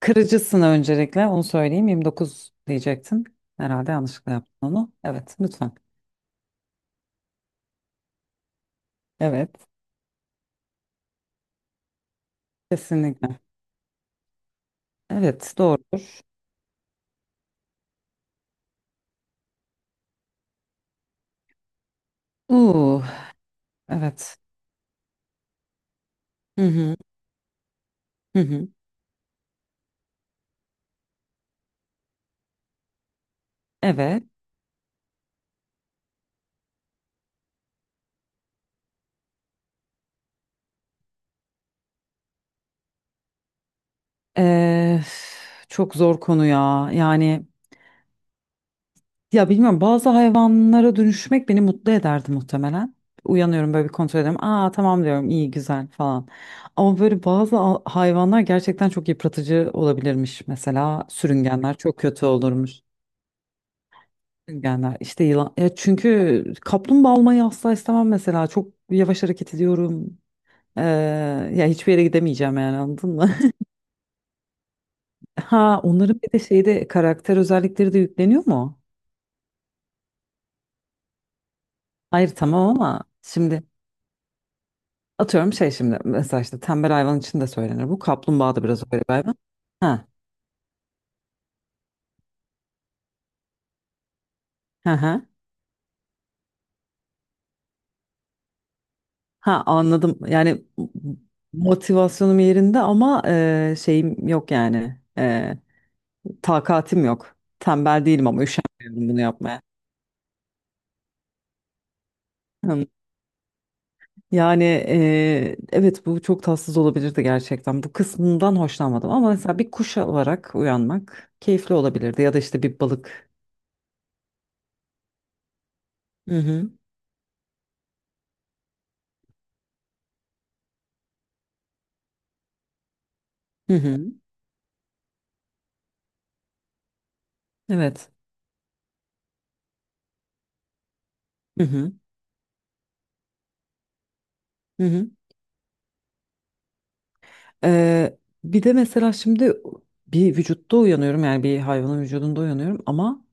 Kırıcısın öncelikle onu söyleyeyim. Yirmi dokuz diyecektin. Herhalde yanlışlıkla yaptın onu. Evet lütfen. Evet. Kesinlikle. Evet doğru. Uuu evet. Hı hı. Hı hı. Evet. Ee, çok zor konu ya. Yani ya bilmiyorum bazı hayvanlara dönüşmek beni mutlu ederdi muhtemelen. Uyanıyorum böyle bir kontrol ediyorum. Aa tamam diyorum iyi güzel falan. Ama böyle bazı hayvanlar gerçekten çok yıpratıcı olabilirmiş. Mesela sürüngenler çok kötü olurmuş. Sürüngenler işte yılan. Ya çünkü kaplumbağa olmayı asla istemem mesela. Çok yavaş hareket ediyorum. Ee, ya hiçbir yere gidemeyeceğim yani anladın mı? Ha onların bir de şeyde karakter özellikleri de yükleniyor mu? Hayır tamam ama şimdi atıyorum şey şimdi mesela işte tembel hayvan için de söylenir bu. Kaplumbağa da biraz öyle bir hayvan. Ha, ha, ha. Ha anladım. Yani motivasyonum yerinde ama şeyim yok yani. Takatim yok. Tembel değilim ama üşenmiyorum bunu yapmaya. Hmm. Yani evet bu çok tatsız olabilirdi gerçekten. Bu kısmından hoşlanmadım ama mesela bir kuş olarak uyanmak keyifli olabilirdi ya da işte bir balık. Hı hı. Hı hı. Evet. Hı hı. Hı hı. Eee, bir de mesela şimdi bir vücutta uyanıyorum yani bir hayvanın vücudunda uyanıyorum ama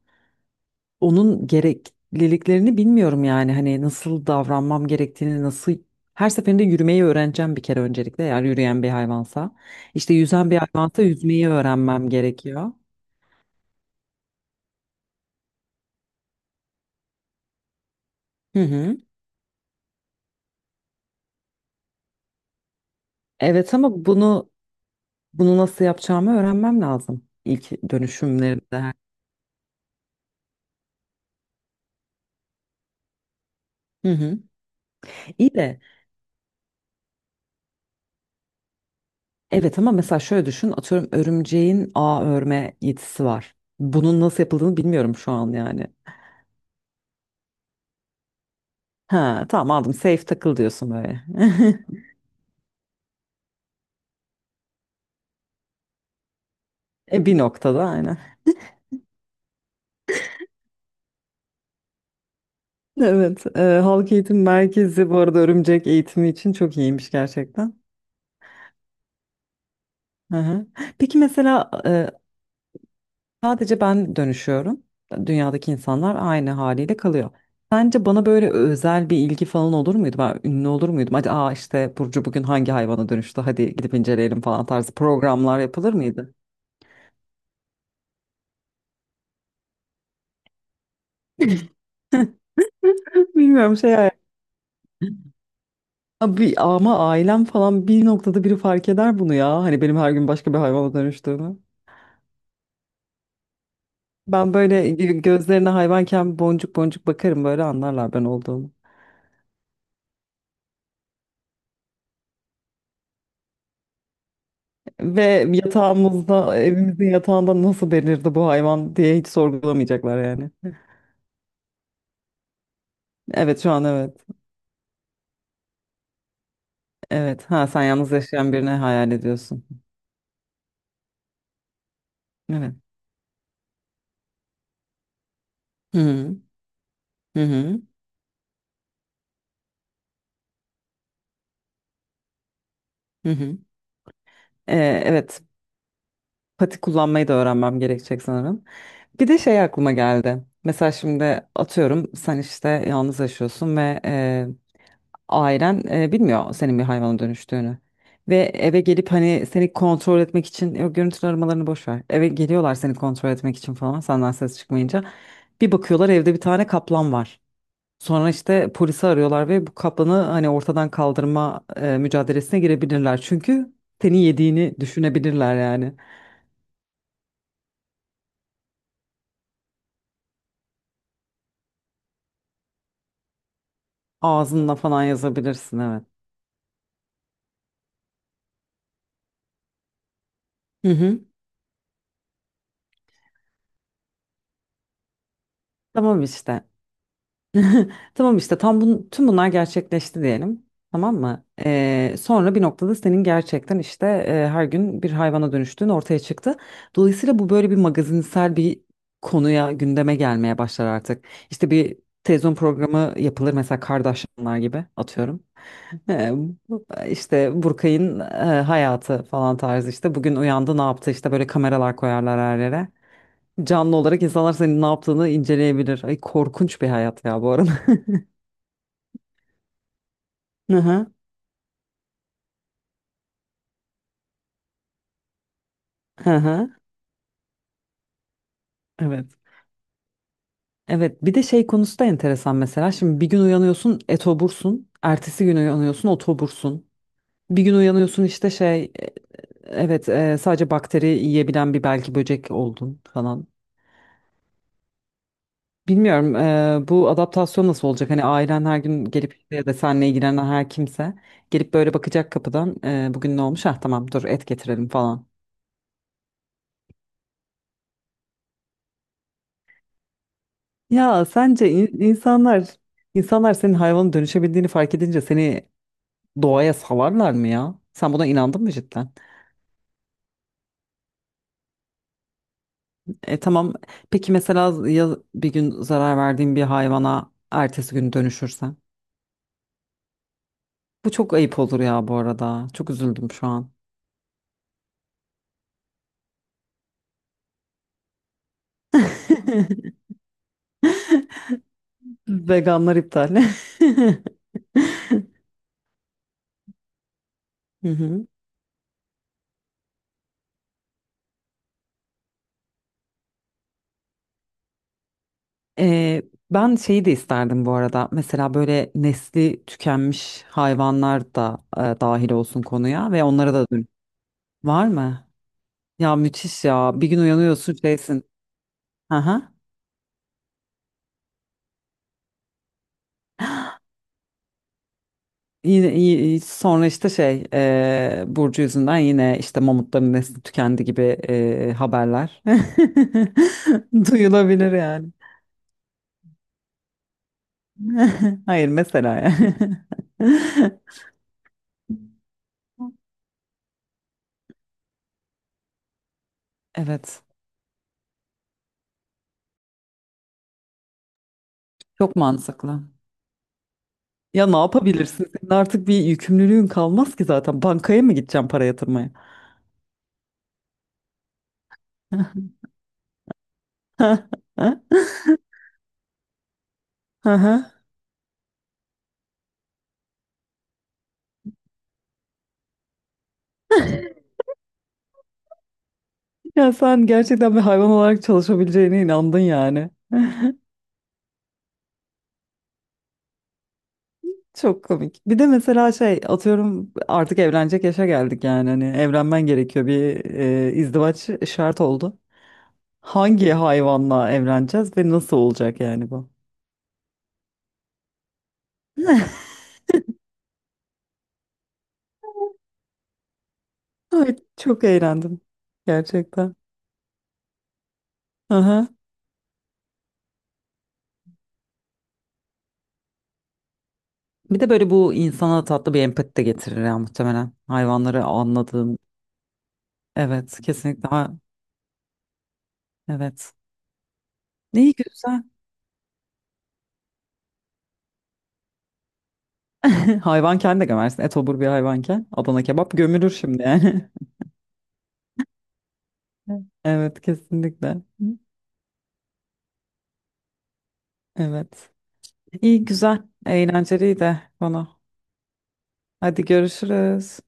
onun gerekliliklerini bilmiyorum yani hani nasıl davranmam gerektiğini nasıl her seferinde yürümeyi öğreneceğim bir kere öncelikle eğer yürüyen bir hayvansa işte yüzen bir hayvansa yüzmeyi öğrenmem gerekiyor. Hı hı. Evet ama bunu nasıl yapacağımı öğrenmem lazım ilk dönüşümlerimde. Hı hı. İyi de evet ama mesela şöyle düşün atıyorum örümceğin ağ örme yetisi var. Bunun nasıl yapıldığını bilmiyorum şu an yani. Ha tamam aldım safe takıl diyorsun böyle. E bir noktada aynen. Evet, Halk Eğitim Merkezi bu arada örümcek eğitimi için çok iyiymiş gerçekten. Hı hı. Peki mesela sadece ben dönüşüyorum. Dünyadaki insanlar aynı haliyle kalıyor. Sence bana böyle özel bir ilgi falan olur muydu? Ben ünlü olur muydum? Hadi aa işte Burcu bugün hangi hayvana dönüştü? Hadi gidip inceleyelim falan tarzı programlar yapılır mıydı? Bilmiyorum şey abi, ama ailem falan bir noktada biri fark eder bunu ya. Hani benim her gün başka bir hayvana dönüştüğümü. Ben böyle gözlerine hayvanken boncuk boncuk bakarım böyle anlarlar ben olduğumu. Ve yatağımızda, evimizin yatağında nasıl belirdi bu hayvan diye hiç sorgulamayacaklar yani. Evet şu an evet. Evet. Ha sen yalnız yaşayan birini hayal ediyorsun. Evet. Hı hı. Hı hı. Hı hı. Evet. Pati kullanmayı da öğrenmem gerekecek sanırım. Bir de şey aklıma geldi. Mesela şimdi atıyorum sen işte yalnız yaşıyorsun ve ailen bilmiyor senin bir hayvana dönüştüğünü. Ve eve gelip hani seni kontrol etmek için yok görüntülü aramalarını boş ver. Eve geliyorlar seni kontrol etmek için falan senden ses çıkmayınca. Bir bakıyorlar evde bir tane kaplan var. Sonra işte polisi arıyorlar ve bu kaplanı hani ortadan kaldırma mücadelesine girebilirler. Çünkü seni yediğini düşünebilirler yani. Ağzınla falan yazabilirsin evet. Hı hı. Tamam işte. Tamam işte tüm bunlar gerçekleşti diyelim. Tamam mı? Sonra bir noktada senin gerçekten işte her gün bir hayvana dönüştüğün ortaya çıktı. Dolayısıyla bu böyle bir magazinsel bir konuya gündeme gelmeye başlar artık. İşte bir televizyon programı yapılır mesela Kardashianlar gibi atıyorum. Ee, işte Burkay'ın hayatı falan tarzı işte bugün uyandı ne yaptı işte böyle kameralar koyarlar her yere. Canlı olarak insanlar senin ne yaptığını inceleyebilir. Ay korkunç bir hayat ya bu arada. Hı hı. Hı hı, evet. Evet bir de şey konusu da enteresan mesela. Şimdi bir gün uyanıyorsun etobursun. Ertesi gün uyanıyorsun otobursun. Bir gün uyanıyorsun işte şey evet sadece bakteri yiyebilen bir belki böcek oldun falan. Bilmiyorum bu adaptasyon nasıl olacak? Hani ailen her gün gelip işte ya da seninle ilgilenen her kimse gelip böyle bakacak kapıdan bugün ne olmuş? Ah tamam dur et getirelim falan. Ya sence insanlar senin hayvana dönüşebildiğini fark edince seni doğaya salarlar mı ya? Sen buna inandın mı cidden? E tamam. Peki mesela ya bir gün zarar verdiğin bir hayvana ertesi gün dönüşürsen? Bu çok ayıp olur ya bu arada. Çok üzüldüm şu an. Veganlar iptal. Hı hı. E, ben şeyi de isterdim bu arada. Mesela böyle nesli tükenmiş hayvanlar da dahil olsun konuya ve onlara da dön. Var mı? Ya müthiş ya. Bir gün uyanıyorsun şeysin. Hı hı. Yine, sonra işte şey Burcu yüzünden yine işte mamutların nesli tükendi gibi haberler duyulabilir yani. Hayır mesela yani. Evet çok mantıklı. Ya ne yapabilirsin? Senin artık bir yükümlülüğün kalmaz ki zaten. Bankaya mı gideceğim para yatırmaya? Hı hı. Ya sen gerçekten bir hayvan olarak çalışabileceğine inandın yani. Çok komik. Bir de mesela şey atıyorum artık evlenecek yaşa geldik yani hani evlenmen gerekiyor bir izdivaç şart oldu. Hangi hayvanla evleneceğiz ve nasıl olacak yani bu? Ay, çok eğlendim gerçekten. Aha. Bir de böyle bu insana tatlı bir empati de getirir ya muhtemelen. Hayvanları anladığın. Evet kesinlikle. Ha, evet. Neyi güzel. Hayvanken de gömersin. Etobur bir hayvanken. Adana kebap gömülür şimdi yani. Evet kesinlikle. Evet. İyi güzel. Eğlenceliydi konu. Hadi görüşürüz.